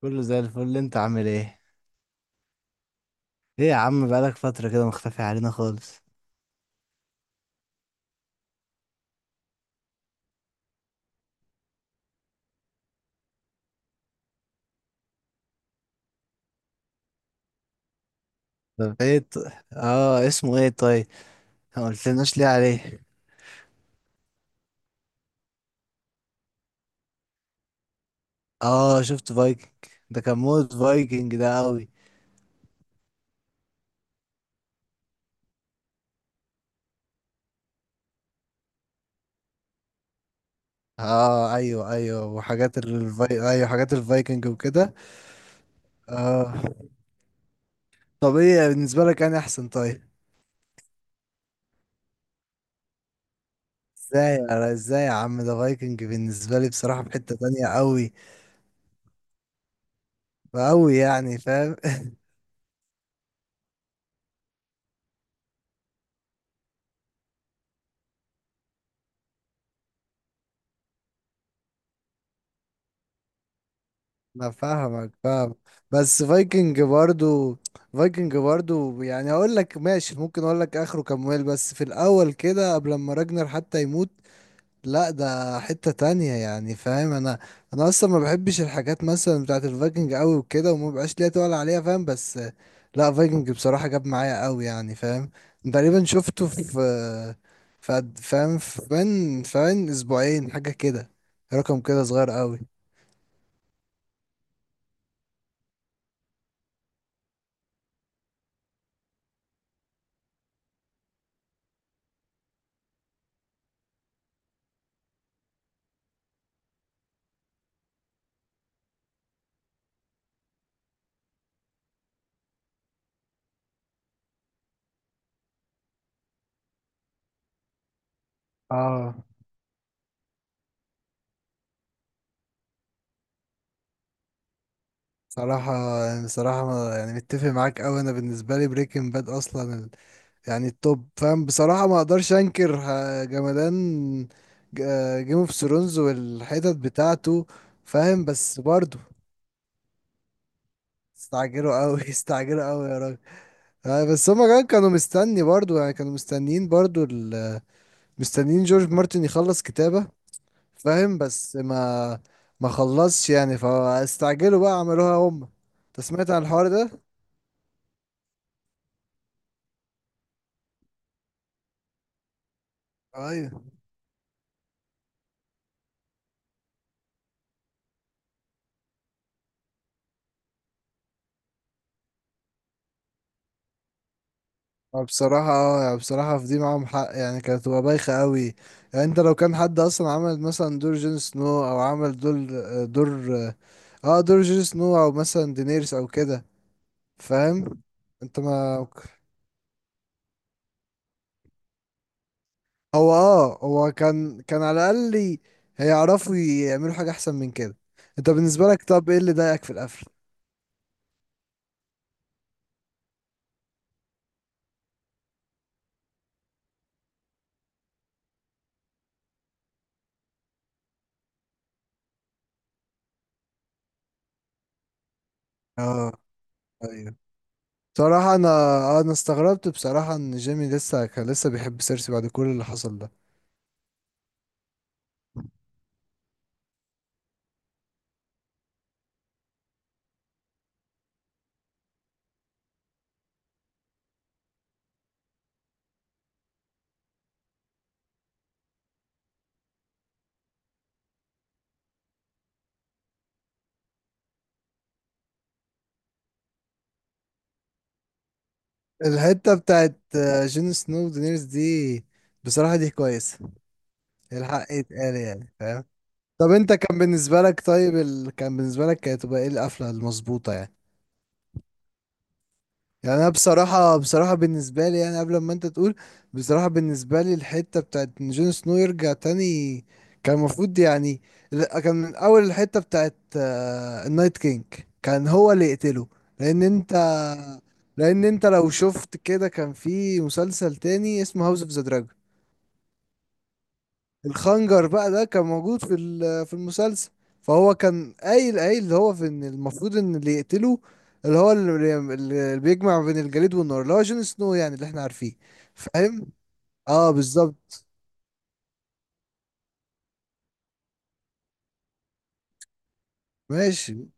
كله زي الفل. انت عامل ايه؟ ايه يا عم، بقالك فترة كده مختفي علينا خالص. طب ايه ط... اه اسمه ايه طيب؟ ما قلتلناش ليه عليه. اه شفت فايكنج. ده كان مود فايكنج ده قوي. اه ايوه ايوه وحاجات ايوه حاجات الفايكنج وكده. اه، طب ايه بالنسبة لك، انا احسن طيب؟ ازاي يا عم؟ ده فايكنج بالنسبة لي بصراحة في حتة تانية قوي، قوي يعني فاهم. انا فاهمك فاهم، بس فايكنج برضو، فايكنج برضو يعني اقول لك ماشي، ممكن اقول لك اخره كمل، بس في الاول كده قبل ما راجنر حتى يموت، لا ده حتة تانية يعني فاهم. انا انا اصلا ما بحبش الحاجات مثلا بتاعت الفايكنج قوي وكده، وما بقاش ليا تقول عليها فاهم، بس لا فايكنج بصراحة جاب معايا قوي يعني فاهم. تقريبا شفته في، فاهم، في من فاهم اسبوعين حاجة كده، رقم كده صغير قوي. اه، صراحة يعني، صراحة يعني متفق معاك أوي. أنا بالنسبة لي بريكنج باد أصلا يعني التوب، فاهم بصراحة ما أقدرش أنكر. آه، جمدان. جيم اوف ثرونز والحتت بتاعته فاهم، بس برضه استعجلوا أوي. استعجلوا أوي يا راجل. آه، بس هما كمان كانوا مستني برضه، يعني كانوا مستنيين برضه مستنيين جورج مارتن يخلص كتابة، فاهم، بس ما خلصش يعني، فاستعجلوا بقى عملوها هما. أنت سمعت عن الحوار ده؟ ايوه. ما بصراحة اه، يعني بصراحة في دي معاهم حق، يعني كانت تبقى بايخة قوي. يعني انت لو كان حد اصلا عمل مثلا دور جون سنو، او عمل دور، دور اه دور جون سنو، او مثلا دينيرس او كده، فاهم انت ما هو اه، هو كان كان على الاقل هيعرفوا يعملوا حاجة احسن من كده. انت بالنسبة لك طب ايه اللي ضايقك في القفل؟ اه ايوه بصراحة. انا آه، انا استغربت بصراحة ان جيمي لسه كان لسه بيحب سيرسي بعد كل اللي حصل ده. الحتة بتاعت جون سنو ودينيرز دي بصراحة دي كويسة، الحق يتقال يعني فاهم. طب انت كان بالنسبة لك طيب، كان بالنسبة لك كانت تبقى ايه القفلة المظبوطة يعني؟ يعني انا بصراحه بالنسبه لي، يعني قبل ما انت تقول، بصراحه بالنسبه لي الحته بتاعت إن جون سنو يرجع تاني كان المفروض، يعني لا، كان من اول الحته بتاعت آه، النايت كينج كان هو اللي يقتله. لان انت لان انت لو شفت كده، كان في مسلسل تاني اسمه هاوس اوف ذا دراجون، الخنجر بقى ده كان موجود في في المسلسل. فهو كان قايل اللي هو، في ان المفروض ان اللي يقتله، اللي هو اللي بيجمع بين الجليد والنار، اللي هو جون سنو يعني، اللي احنا عارفيه فاهم. اه بالظبط. ماشي،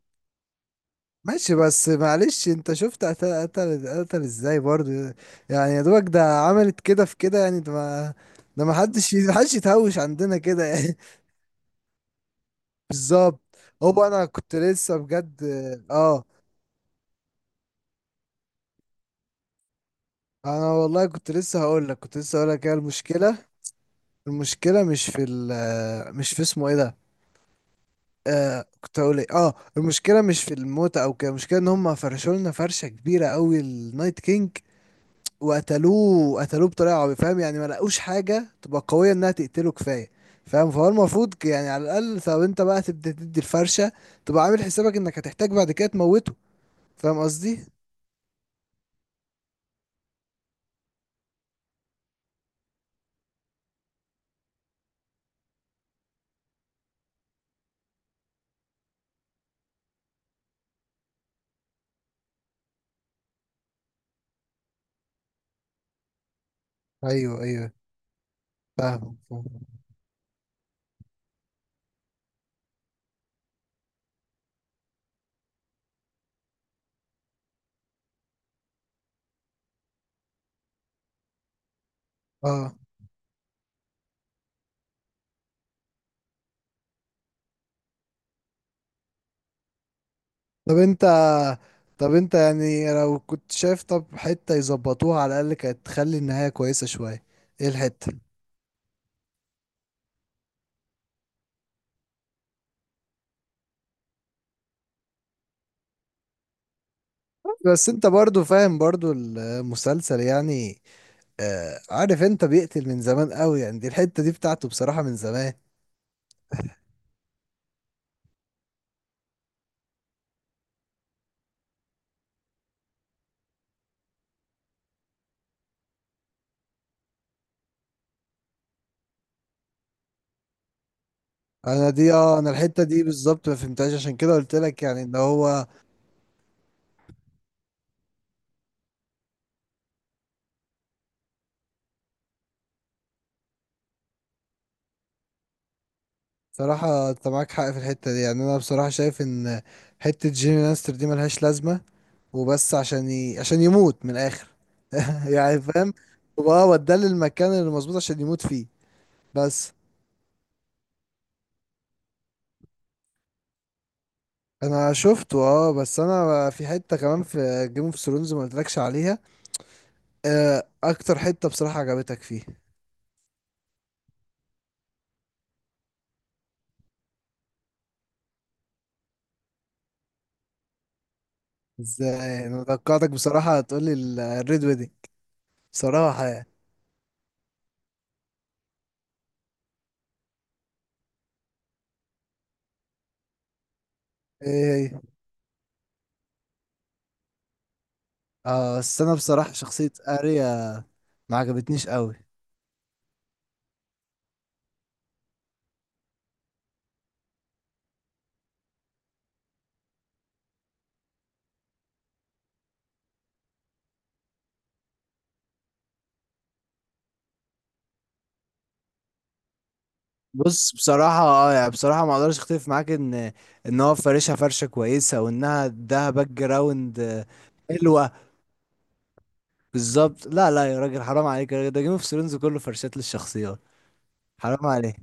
ماشي بس معلش انت شفت قتل ازاي برضو، يعني يا دوبك ده عملت كده في كده، يعني ده ما، ده ما حدش يتهوش عندنا كده يعني. بالظبط. هو انا كنت لسه بجد. اه، انا والله كنت لسه هقول لك، كنت لسه هقول لك هي المشكله. المشكله مش في اسمه ايه ده. آه كنت هقول ايه؟ اه المشكله مش في الموت او كده، المشكله ان هم فرشوا لنا فرشه كبيره قوي النايت كينج، وقتلوه، قتلوه بطريقه عبيطه، فاهم يعني ما لقوش حاجه تبقى قويه انها تقتله كفايه، فاهم. فهو المفروض يعني على الاقل، طب انت بقى تبدا تدي الفرشه، تبقى عامل حسابك انك هتحتاج بعد كده تموته، فاهم قصدي؟ ايوه ايوه، فاهم فاهم. اه، طب انت، طب انت يعني لو كنت شايف طب حتة يظبطوها على الأقل كانت تخلي النهاية كويسة شوية، ايه الحتة؟ بس انت برضو فاهم برضو المسلسل يعني، آه عارف انت بيقتل من زمان قوي يعني، دي الحتة دي بتاعته بصراحة من زمان. انا دي اه، انا الحتة دي بالظبط ما فهمتهاش، عشان كده قلت لك يعني ان هو، بصراحة انت معاك حق في الحتة دي، يعني انا بصراحة شايف ان حتة جيمي لانستر دي ملهاش لازمة، وبس عشان يموت من الاخر. يعني فاهم، وبقى وداه للمكان اللي مظبوط عشان يموت فيه. بس انا شفته اه، بس انا في حته كمان في جيم اوف ثرونز ما قلتلكش عليها. آه، اكتر حته بصراحه عجبتك فيه؟ ازاي، انا توقعتك بصراحه هتقولي الريد ويدنج، بصراحه يعني. ايه هي؟ اه بس انا بصراحه شخصيه اريا ما عجبتنيش قوي. بص، بصراحة اه، يعني بصراحة ما اقدرش اختلف معاك ان، ان هو فارشها فرشة كويسة وانها اداها باك جراوند، آه، حلوة. بالظبط، لا لا يا راجل حرام عليك، يا راجل ده جيم اوف ثرونز كله فرشات للشخصيات، حرام عليك.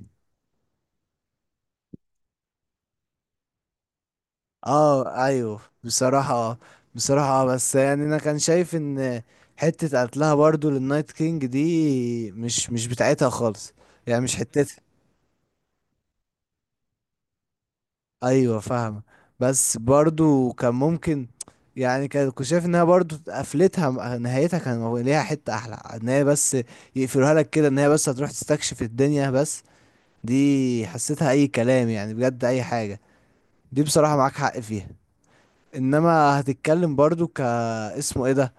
اه ايوه بصراحة اه، بصراحة اه، بس يعني انا كان شايف ان حتة قتلها برضو للنايت كينج دي مش، مش بتاعتها خالص، يعني مش حتتها، ايوه فاهمة. بس برضو كان ممكن، يعني كنت شايف انها برضو قفلتها نهايتها كان ليها حتة احلى، ان هي بس يقفلوها لك كده ان هي بس هتروح تستكشف الدنيا بس، دي حسيتها اي كلام يعني بجد اي حاجة، دي بصراحة معاك حق فيها. انما هتتكلم برضو ك اسمه ايه ده،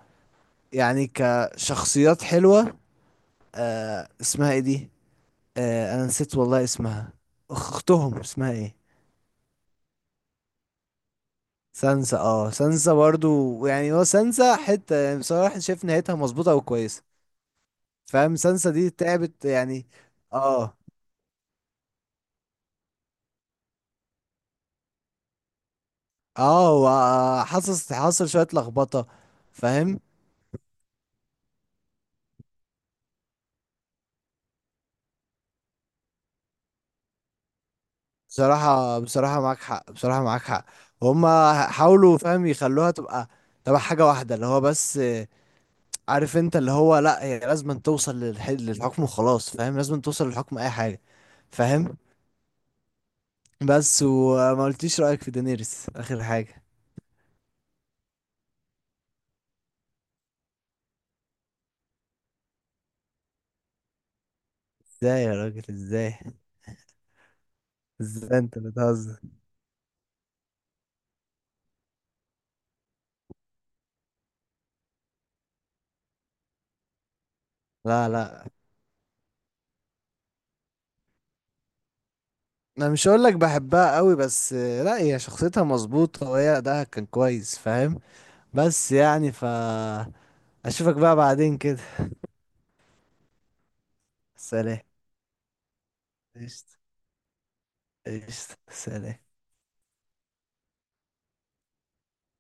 يعني كشخصيات حلوة، آه اسمها ايه دي، آه انا نسيت والله اسمها، اختهم اسمها ايه؟ سانسا، اه سانسا برضو، يعني هو سانسا حتة يعني بصراحة شايف نهايتها مظبوطة وكويسة، فاهم سانسا دي تعبت يعني. اه اه، وحصل حصل شوية لخبطة فاهم. بصراحة، بصراحة معاك حق، بصراحة معاك حق، هما حاولوا فاهم يخلوها تبقى، تبقى حاجة واحدة اللي هو بس، آه، عارف انت اللي هو لا، هي لازم توصل للحكم وخلاص، فاهم لازم توصل للحكم اي حاجة، فاهم. بس وما قلتيش رأيك في دينيريس اخر حاجة؟ ازاي يا راجل ازاي؟ ازاي انت بتهزر؟ لا لا، انا مش هقول لك بحبها قوي، بس لا هي شخصيتها مظبوطة وهي أداءها كان كويس فاهم، بس يعني ف، اشوفك بقى بعدين كده، سلام، قشطة، قشطة سلام.